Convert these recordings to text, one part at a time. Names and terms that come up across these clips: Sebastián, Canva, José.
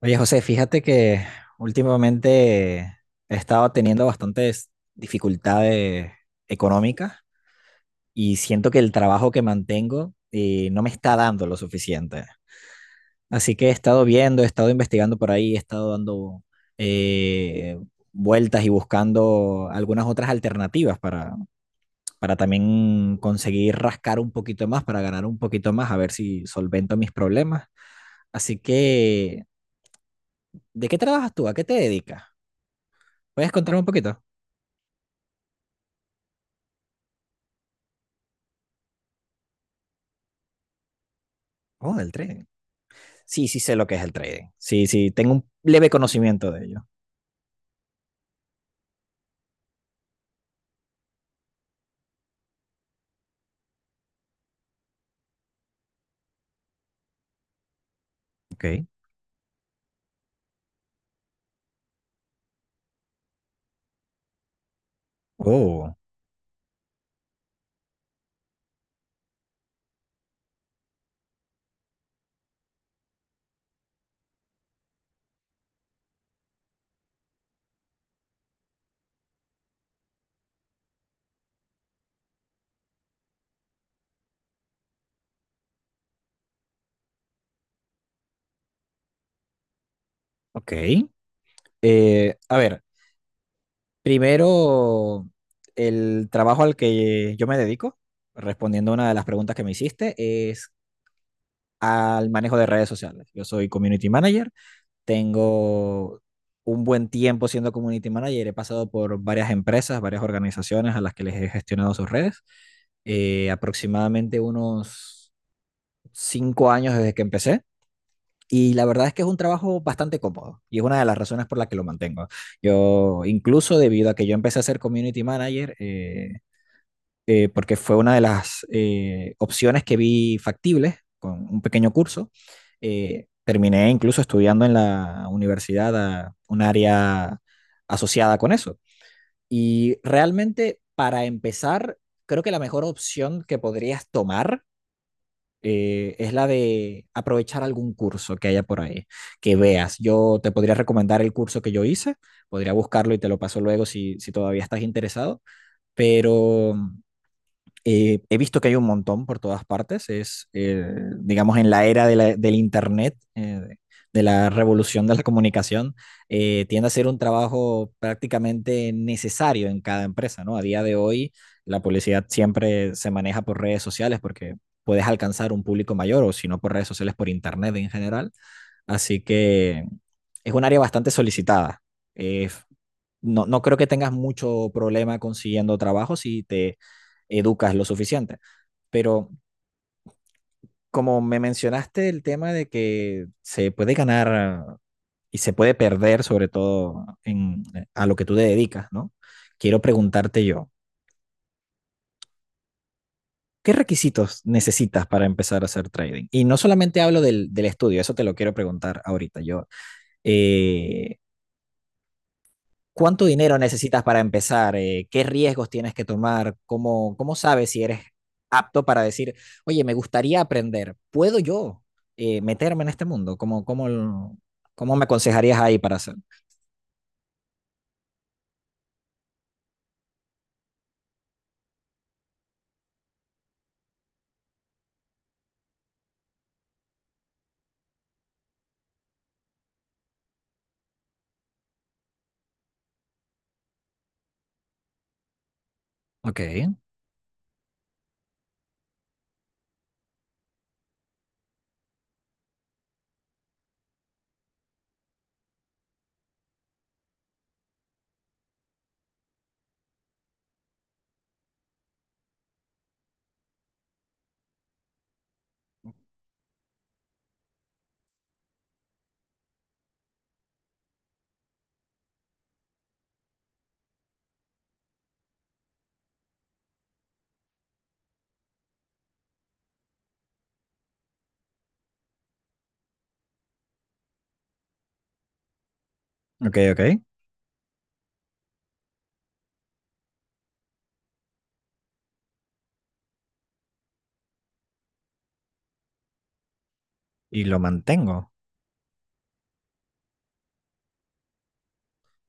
Oye, José, fíjate que últimamente he estado teniendo bastantes dificultades económicas y siento que el trabajo que mantengo no me está dando lo suficiente. Así que he estado viendo, he estado investigando por ahí, he estado dando eh, vueltas y buscando algunas otras alternativas para también conseguir rascar un poquito más, para ganar un poquito más, a ver si solvento mis problemas. Así que, ¿de qué trabajas tú? ¿A qué te dedicas? ¿Puedes contarme un poquito? Oh, del trading. Sí, sí sé lo que es el trading. Sí, sí, tengo un leve conocimiento de ello. Ok. Oh, ok. A ver, primero, el trabajo al que yo me dedico, respondiendo a una de las preguntas que me hiciste, es al manejo de redes sociales. Yo soy community manager, tengo un buen tiempo siendo community manager, he pasado por varias empresas, varias organizaciones a las que les he gestionado sus redes, aproximadamente unos 5 años desde que empecé. Y la verdad es que es un trabajo bastante cómodo y es una de las razones por las que lo mantengo. Yo, incluso debido a que yo empecé a ser community manager, porque fue una de las opciones que vi factibles con un pequeño curso, terminé incluso estudiando en la universidad a un área asociada con eso. Y realmente, para empezar, creo que la mejor opción que podrías tomar es la de aprovechar algún curso que haya por ahí, que veas. Yo te podría recomendar el curso que yo hice, podría buscarlo y te lo paso luego si, si todavía estás interesado, pero he visto que hay un montón por todas partes. Es, digamos, en la era de del Internet, de la revolución de la comunicación, tiende a ser un trabajo prácticamente necesario en cada empresa, ¿no? A día de hoy, la publicidad siempre se maneja por redes sociales porque puedes alcanzar un público mayor o si no por redes sociales, por Internet en general. Así que es un área bastante solicitada. Eh, no, no creo que tengas mucho problema consiguiendo trabajo si te educas lo suficiente. Pero como me mencionaste el tema de que se puede ganar y se puede perder, sobre todo en, a lo que tú te dedicas, ¿no? Quiero preguntarte yo, ¿qué requisitos necesitas para empezar a hacer trading? Y no solamente hablo del, del estudio, eso te lo quiero preguntar ahorita. Yo, eh, ¿cuánto dinero necesitas para empezar? ¿Qué riesgos tienes que tomar? ¿Cómo, cómo sabes si eres apto para decir, oye, me gustaría aprender? ¿Puedo yo meterme en este mundo? ¿Cómo, cómo, cómo me aconsejarías ahí para hacer? Ok, ok, ok. Y lo mantengo.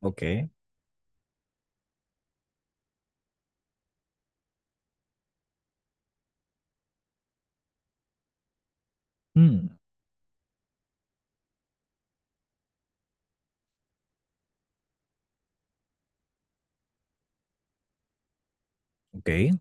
Ok. Mm, ok.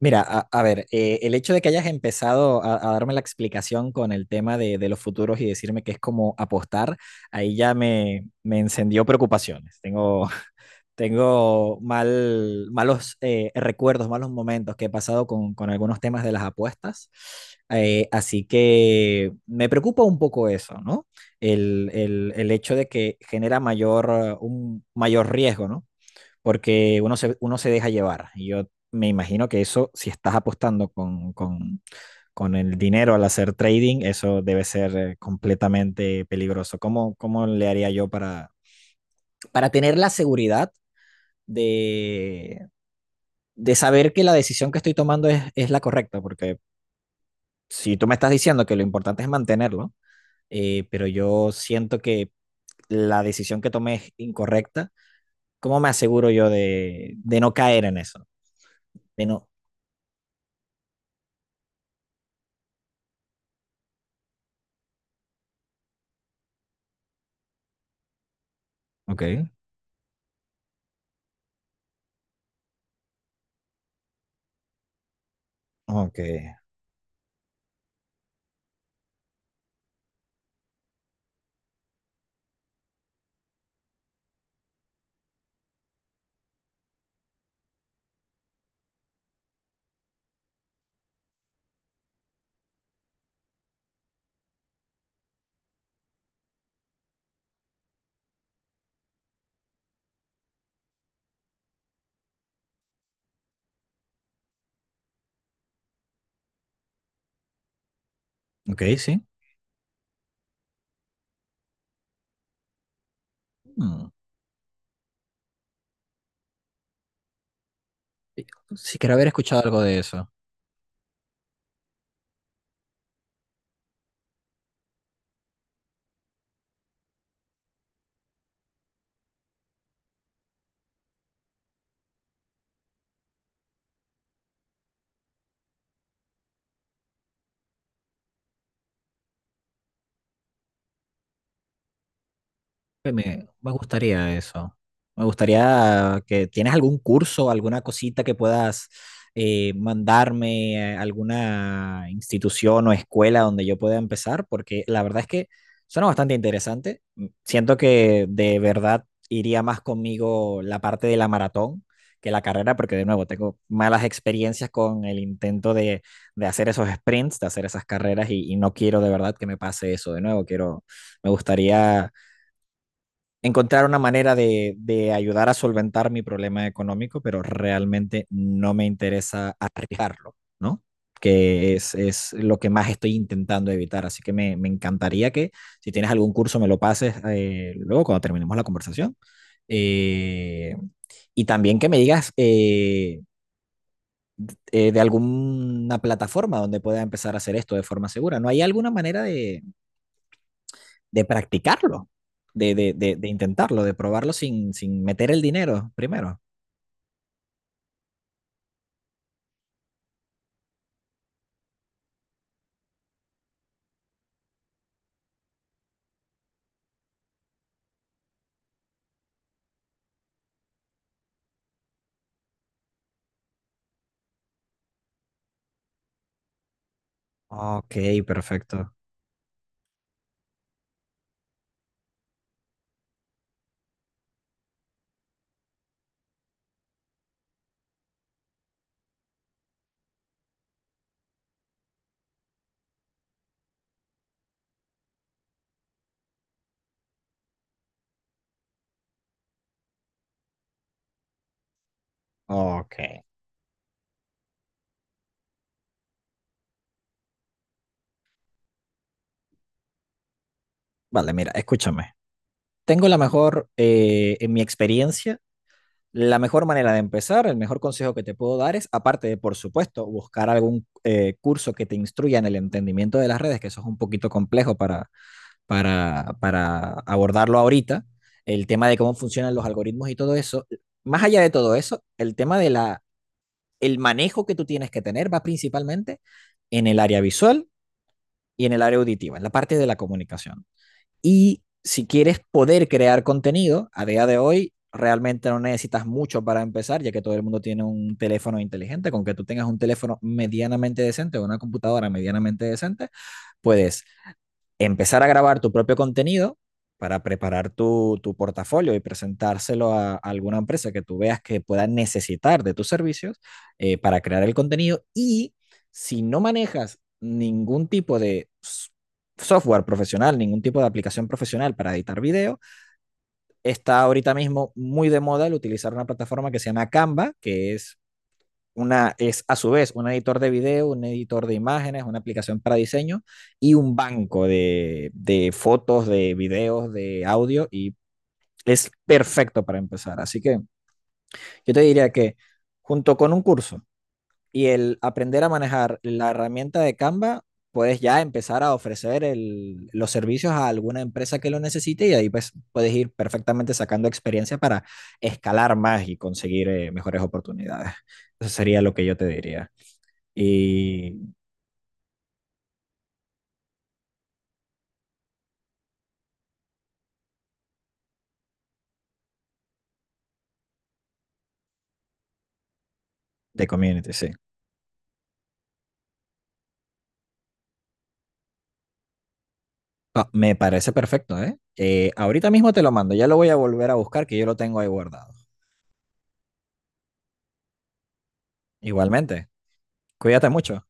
Mira, a ver, el hecho de que hayas empezado a darme la explicación con el tema de los futuros y decirme que es como apostar, ahí ya me encendió preocupaciones. Tengo, tengo mal, malos recuerdos, malos momentos que he pasado con algunos temas de las apuestas. Así que me preocupa un poco eso, ¿no? El, el hecho de que genera mayor, un mayor riesgo, ¿no? Porque uno se deja llevar. Y yo me imagino que eso, si estás apostando con el dinero al hacer trading, eso debe ser completamente peligroso. ¿Cómo, cómo le haría yo para tener la seguridad? de, de saber que la decisión que estoy tomando es la correcta, porque si tú me estás diciendo que lo importante es mantenerlo, pero yo siento que la decisión que tomé es incorrecta, ¿cómo me aseguro yo de no caer en eso? De no. Ok, ok, ok, sí. Hmm. Sí, quiero haber escuchado algo de eso. Que me gustaría eso. Me gustaría que tienes algún curso, alguna cosita que puedas mandarme, a alguna institución o escuela donde yo pueda empezar, porque la verdad es que suena bastante interesante. Siento que de verdad iría más conmigo la parte de la maratón que la carrera, porque de nuevo tengo malas experiencias con el intento de hacer esos sprints, de hacer esas carreras y no quiero de verdad que me pase eso de nuevo. Quiero, me gustaría encontrar una manera de ayudar a solventar mi problema económico, pero realmente no me interesa arriesgarlo, ¿no? Que es, lo que más estoy intentando evitar. Así que me encantaría que si tienes algún curso me lo pases luego cuando terminemos la conversación. Eh, y también que me digas de alguna plataforma donde pueda empezar a hacer esto de forma segura. ¿No hay alguna manera de practicarlo, de intentarlo, de probarlo sin, sin meter el dinero primero. Ok, perfecto. Ok. Vale, mira, escúchame. Tengo la mejor, en mi experiencia, la mejor manera de empezar, el mejor consejo que te puedo dar es, aparte de, por supuesto, buscar algún curso que te instruya en el entendimiento de las redes, que eso es un poquito complejo para abordarlo ahorita, el tema de cómo funcionan los algoritmos y todo eso. Más allá de todo eso, el tema de la el manejo que tú tienes que tener va principalmente en el área visual y en el área auditiva, en la parte de la comunicación. Y si quieres poder crear contenido, a día de hoy realmente no necesitas mucho para empezar, ya que todo el mundo tiene un teléfono inteligente, con que tú tengas un teléfono medianamente decente o una computadora medianamente decente, puedes empezar a grabar tu propio contenido para preparar tu, tu portafolio y presentárselo a alguna empresa que tú veas que pueda necesitar de tus servicios para crear el contenido. Y si no manejas ningún tipo de software profesional, ningún tipo de aplicación profesional para editar video, está ahorita mismo muy de moda el utilizar una plataforma que se llama Canva, que es una, es a su vez un editor de video, un editor de imágenes, una aplicación para diseño y un banco de fotos, de videos, de audio y es perfecto para empezar. Así que yo te diría que junto con un curso y el aprender a manejar la herramienta de Canva, puedes ya empezar a ofrecer el, los servicios a alguna empresa que lo necesite y ahí pues puedes ir perfectamente sacando experiencia para escalar más y conseguir mejores oportunidades. Eso sería lo que yo te diría. Y de community, sí. Ah, me parece perfecto, ¿eh? Ahorita mismo te lo mando, ya lo voy a volver a buscar, que yo lo tengo ahí guardado. Igualmente, cuídate mucho. ¿Eh?